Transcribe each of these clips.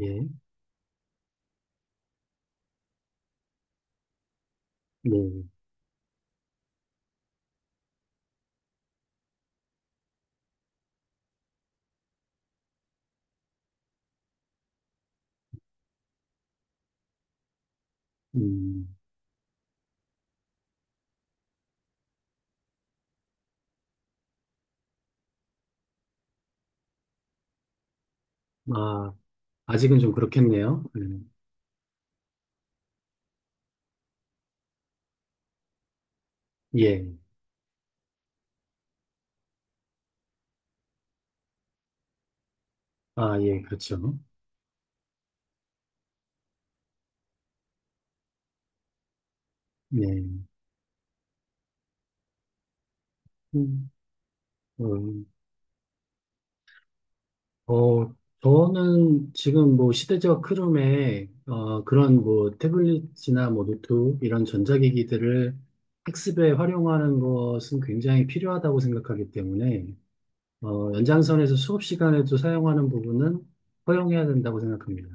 예, 예. 음. 아, 아직은 좀 그렇겠네요. 음. 예, 예. 아, 예, 그렇죠. 예. 음, 음, 어, 저는 지금 뭐 시대적 흐름에, 그런 뭐 태블릿이나 뭐 노트 이런 전자기기들을 학습에 활용하는 것은 굉장히 필요하다고 생각하기 때문에, 연장선에서 수업 시간에도 사용하는 부분은 허용해야 된다고 생각합니다.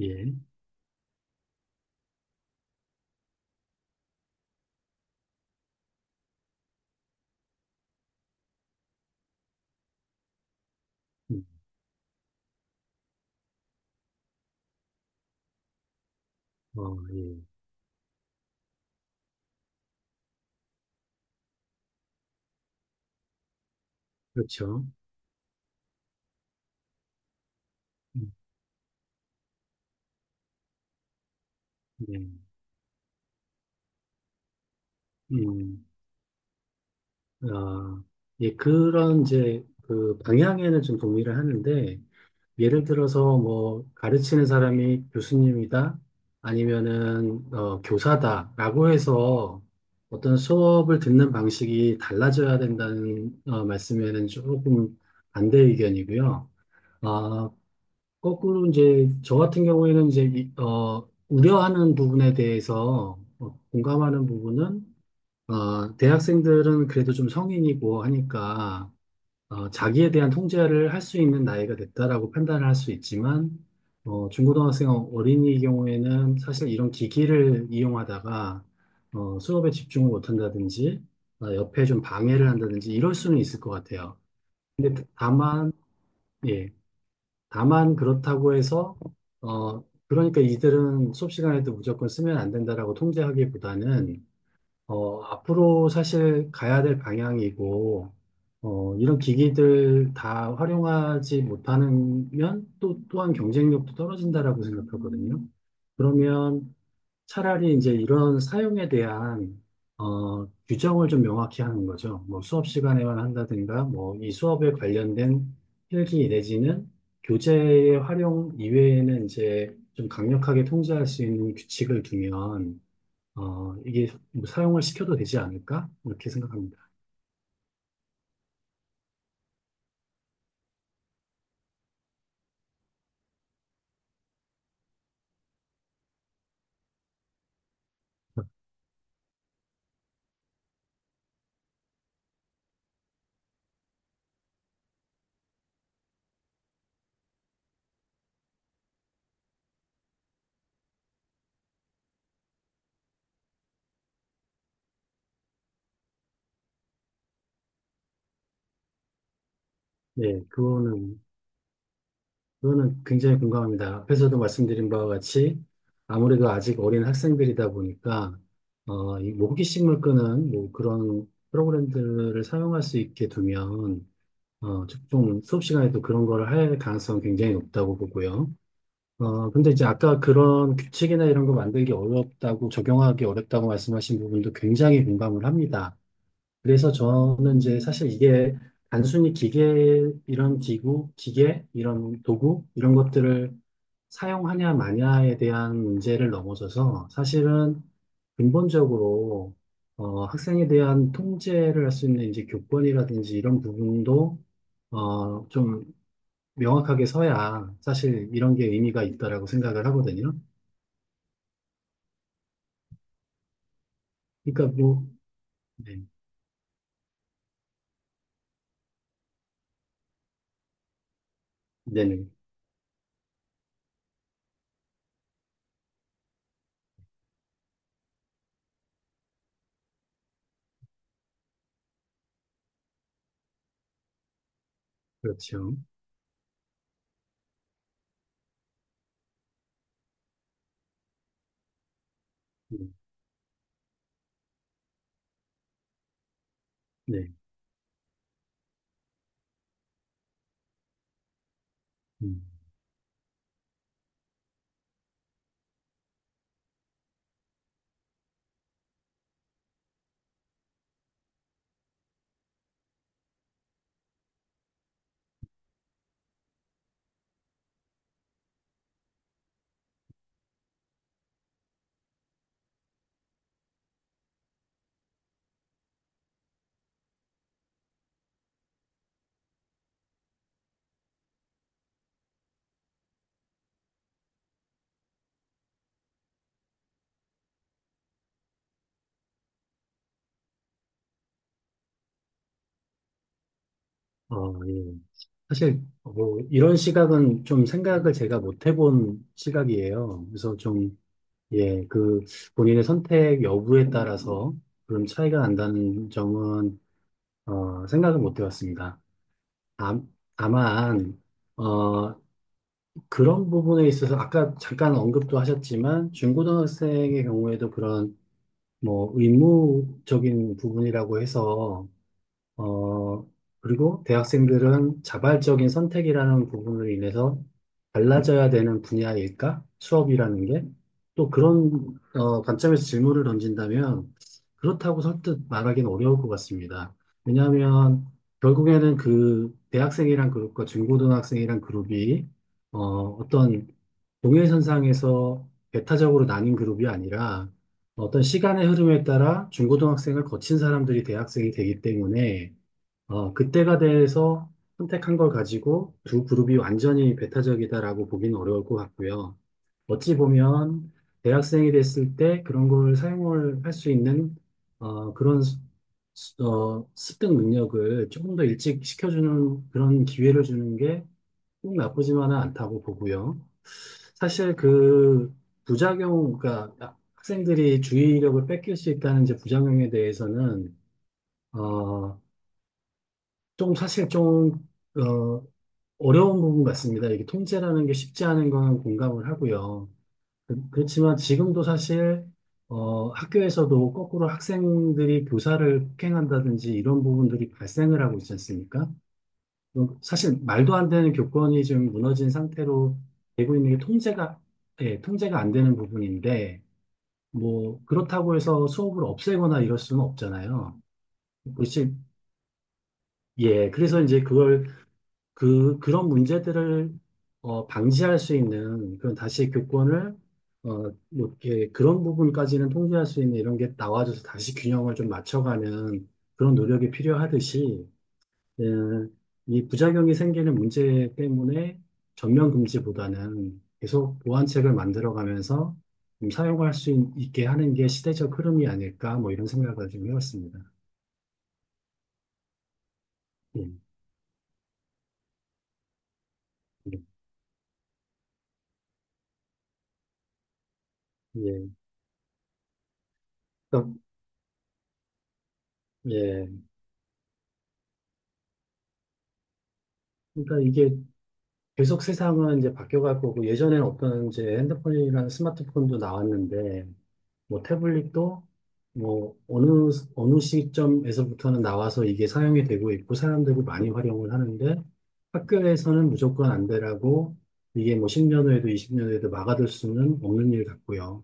예. 음, 예, 그렇죠. 음. 예. 음. 아, 예, 그런 이제 그 방향에는 좀 동의를 하는데, 예를 들어서 뭐 가르치는 사람이 교수님이다, 아니면은 교사다라고 해서 어떤 수업을 듣는 방식이 달라져야 된다는 말씀에는 조금 반대 의견이고요. 아, 거꾸로 이제 저 같은 경우에는 이제 우려하는 부분에 대해서 공감하는 부분은 대학생들은 그래도 좀 성인이고 하니까 자기에 대한 통제를 할 수 있는 나이가 됐다라고 판단을 할 수 있지만 중고등학생 어린이의 경우에는 사실 이런 기기를 이용하다가 수업에 집중을 못한다든지 옆에 좀 방해를 한다든지 이럴 수는 있을 것 같아요. 근데 다만 예, 다만 그렇다고 해서 그러니까 이들은 수업 시간에도 무조건 쓰면 안 된다라고 통제하기보다는 앞으로 사실 가야 될 방향이고, 이런 기기들 다 활용하지 못하면 또 또한 경쟁력도 떨어진다라고 생각하거든요. 그러면 차라리 이제 이런 사용에 대한 규정을 좀 명확히 하는 거죠. 뭐 수업 시간에만 한다든가, 뭐 이 수업에 관련된 필기 내지는 교재의 활용 이외에는 이제 좀 강력하게 통제할 수 있는 규칙을 두면 이게 뭐 사용을 시켜도 되지 않을까? 이렇게 생각합니다. 네, 그거는 굉장히 공감합니다. 앞에서도 말씀드린 바와 같이 아무래도 아직 어린 학생들이다 보니까, 이뭐 호기심을 끄는 뭐 그런 프로그램들을 사용할 수 있게 두면, 좀 수업 시간에도 그런 걸 할 가능성이 굉장히 높다고 보고요. 근데 이제 아까 그런 규칙이나 이런 거 만들기 어렵다고, 적용하기 어렵다고 말씀하신 부분도 굉장히 공감을 합니다. 그래서 저는 이제 사실 이게 단순히 기계, 이런 기구, 기계, 이런 도구, 이런 것들을 사용하냐 마냐에 대한 문제를 넘어서서 사실은 근본적으로 학생에 대한 통제를 할 수 있는 이제 교권이라든지 이런 부분도 좀 명확하게 서야 사실 이런 게 의미가 있다라고 생각을 하거든요. 그러니까 뭐, 네, 네, 네, 그렇죠. 네, 네. 음. 예. 사실 뭐 이런 시각은 좀 생각을 제가 못 해본 시각이에요. 그래서 좀, 예, 그 본인의 선택 여부에 따라서 그런 차이가 난다는 점은 생각을 못 해봤습니다. 다, 다만 어, 그런 부분에 있어서 아까 잠깐 언급도 하셨지만 중고등학생의 경우에도 그런 뭐 의무적인 부분이라고 해서 어, 그리고 대학생들은 자발적인 선택이라는 부분으로 인해서 달라져야 되는 분야일까? 수업이라는 게? 또 그런 관점에서 질문을 던진다면 그렇다고 설득 말하기는 어려울 것 같습니다. 왜냐하면 결국에는 그 대학생이란 그룹과 중고등학생이란 그룹이 어떤 동일선상에서 배타적으로 나뉜 그룹이 아니라 어떤 시간의 흐름에 따라 중고등학생을 거친 사람들이 대학생이 되기 때문에 그때가 돼서 선택한 걸 가지고 두 그룹이 완전히 배타적이다라고 보기는 어려울 것 같고요. 어찌 보면 대학생이 됐을 때 그런 걸 사용을 할 수 있는 어, 그런 수- 수- 어, 습득 능력을 조금 더 일찍 시켜주는 그런 기회를 주는 게 꼭 나쁘지만은 않다고 보고요. 사실 그 부작용, 그러니까 아, 학생들이 주의력을 뺏길 수 있다는 이제 부작용에 대해서는 어, 좀 사실 좀 어, 어려운 부분 같습니다. 이게 통제라는 게 쉽지 않은 건 공감을 하고요. 그렇지만 지금도 사실 학교에서도 거꾸로 학생들이 교사를 폭행한다든지 이런 부분들이 발생을 하고 있지 않습니까? 사실 말도 안 되는 교권이 지금 무너진 상태로 되고 있는 게 통제가 예, 통제가 안 되는 부분인데 뭐 그렇다고 해서 수업을 없애거나 이럴 수는 없잖아요. 그렇지. 예, 그래서 이제 그걸 그런 문제들을 방지할 수 있는 그런 다시 교권을 뭐 이렇게 그런 부분까지는 통제할 수 있는 이런 게 나와줘서 다시 균형을 좀 맞춰가는 그런 노력이 필요하듯이 예, 이 부작용이 생기는 문제 때문에 전면 금지보다는 계속 보완책을 만들어가면서 좀 있게 하는 게 시대적 흐름이 아닐까 뭐 이런 생각을 좀 해봤습니다. 예, 예. 예. 그러니까, 예. 그러니까 이게 계속 세상은 이제 바뀌어갈 거고 예전에는 없던 이제 핸드폰이라는 스마트폰도 나왔는데 뭐 태블릿도 뭐 어느 시점에서부터는 나와서 이게 사용이 되고 있고 사람들이 많이 활용을 하는데 학교에서는 무조건 안 되라고 이게 뭐 10년 후에도 20년 후에도 막아둘 수는 없는 일 같고요.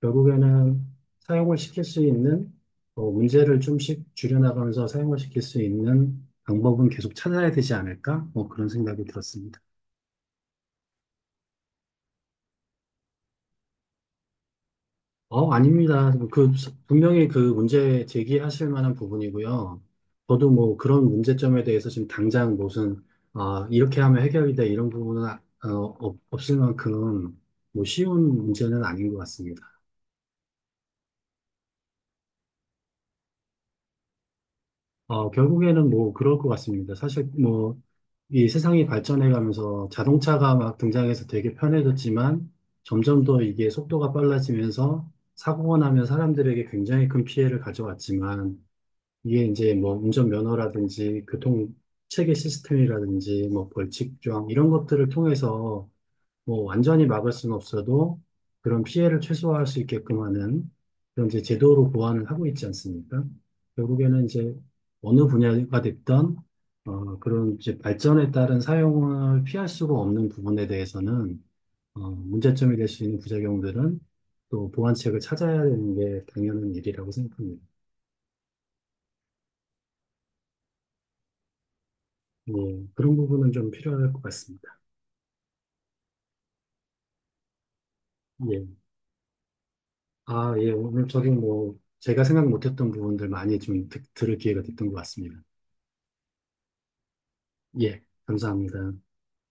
결국에는 사용을 시킬 수 있는 문제를 좀씩 줄여나가면서 사용을 시킬 수 있는 방법은 계속 찾아야 되지 않을까? 뭐 그런 생각이 들었습니다. 아닙니다. 그, 분명히 그 문제 제기하실 만한 부분이고요. 저도 뭐 그런 문제점에 대해서 지금 당장 무슨, 아, 이렇게 하면 해결이 돼, 이런 부분은, 어, 없을 만큼 뭐 쉬운 문제는 아닌 것 같습니다. 결국에는 뭐 그럴 것 같습니다. 사실 뭐 이 세상이 발전해 가면서 자동차가 막 등장해서 되게 편해졌지만 점점 더 이게 속도가 빨라지면서 사고가 나면 사람들에게 굉장히 큰 피해를 가져왔지만 이게 이제 뭐 운전면허라든지 교통체계 시스템이라든지 뭐 벌칙조항 이런 것들을 통해서 뭐 완전히 막을 수는 없어도 그런 피해를 최소화할 수 있게끔 하는 그런 이제 제도로 보완을 하고 있지 않습니까? 결국에는 이제 어느 분야가 됐던 그런 이제 발전에 따른 사용을 피할 수가 없는 부분에 대해서는 문제점이 될 수 있는 부작용들은 또 보완책을 찾아야 되는 게 당연한 일이라고 생각합니다. 예, 그런 부분은 좀 필요할 것 같습니다. 예. 아, 예, 오늘 저도 뭐, 제가 생각 못했던 부분들 많이 좀 들을 기회가 됐던 것 같습니다. 예, 감사합니다.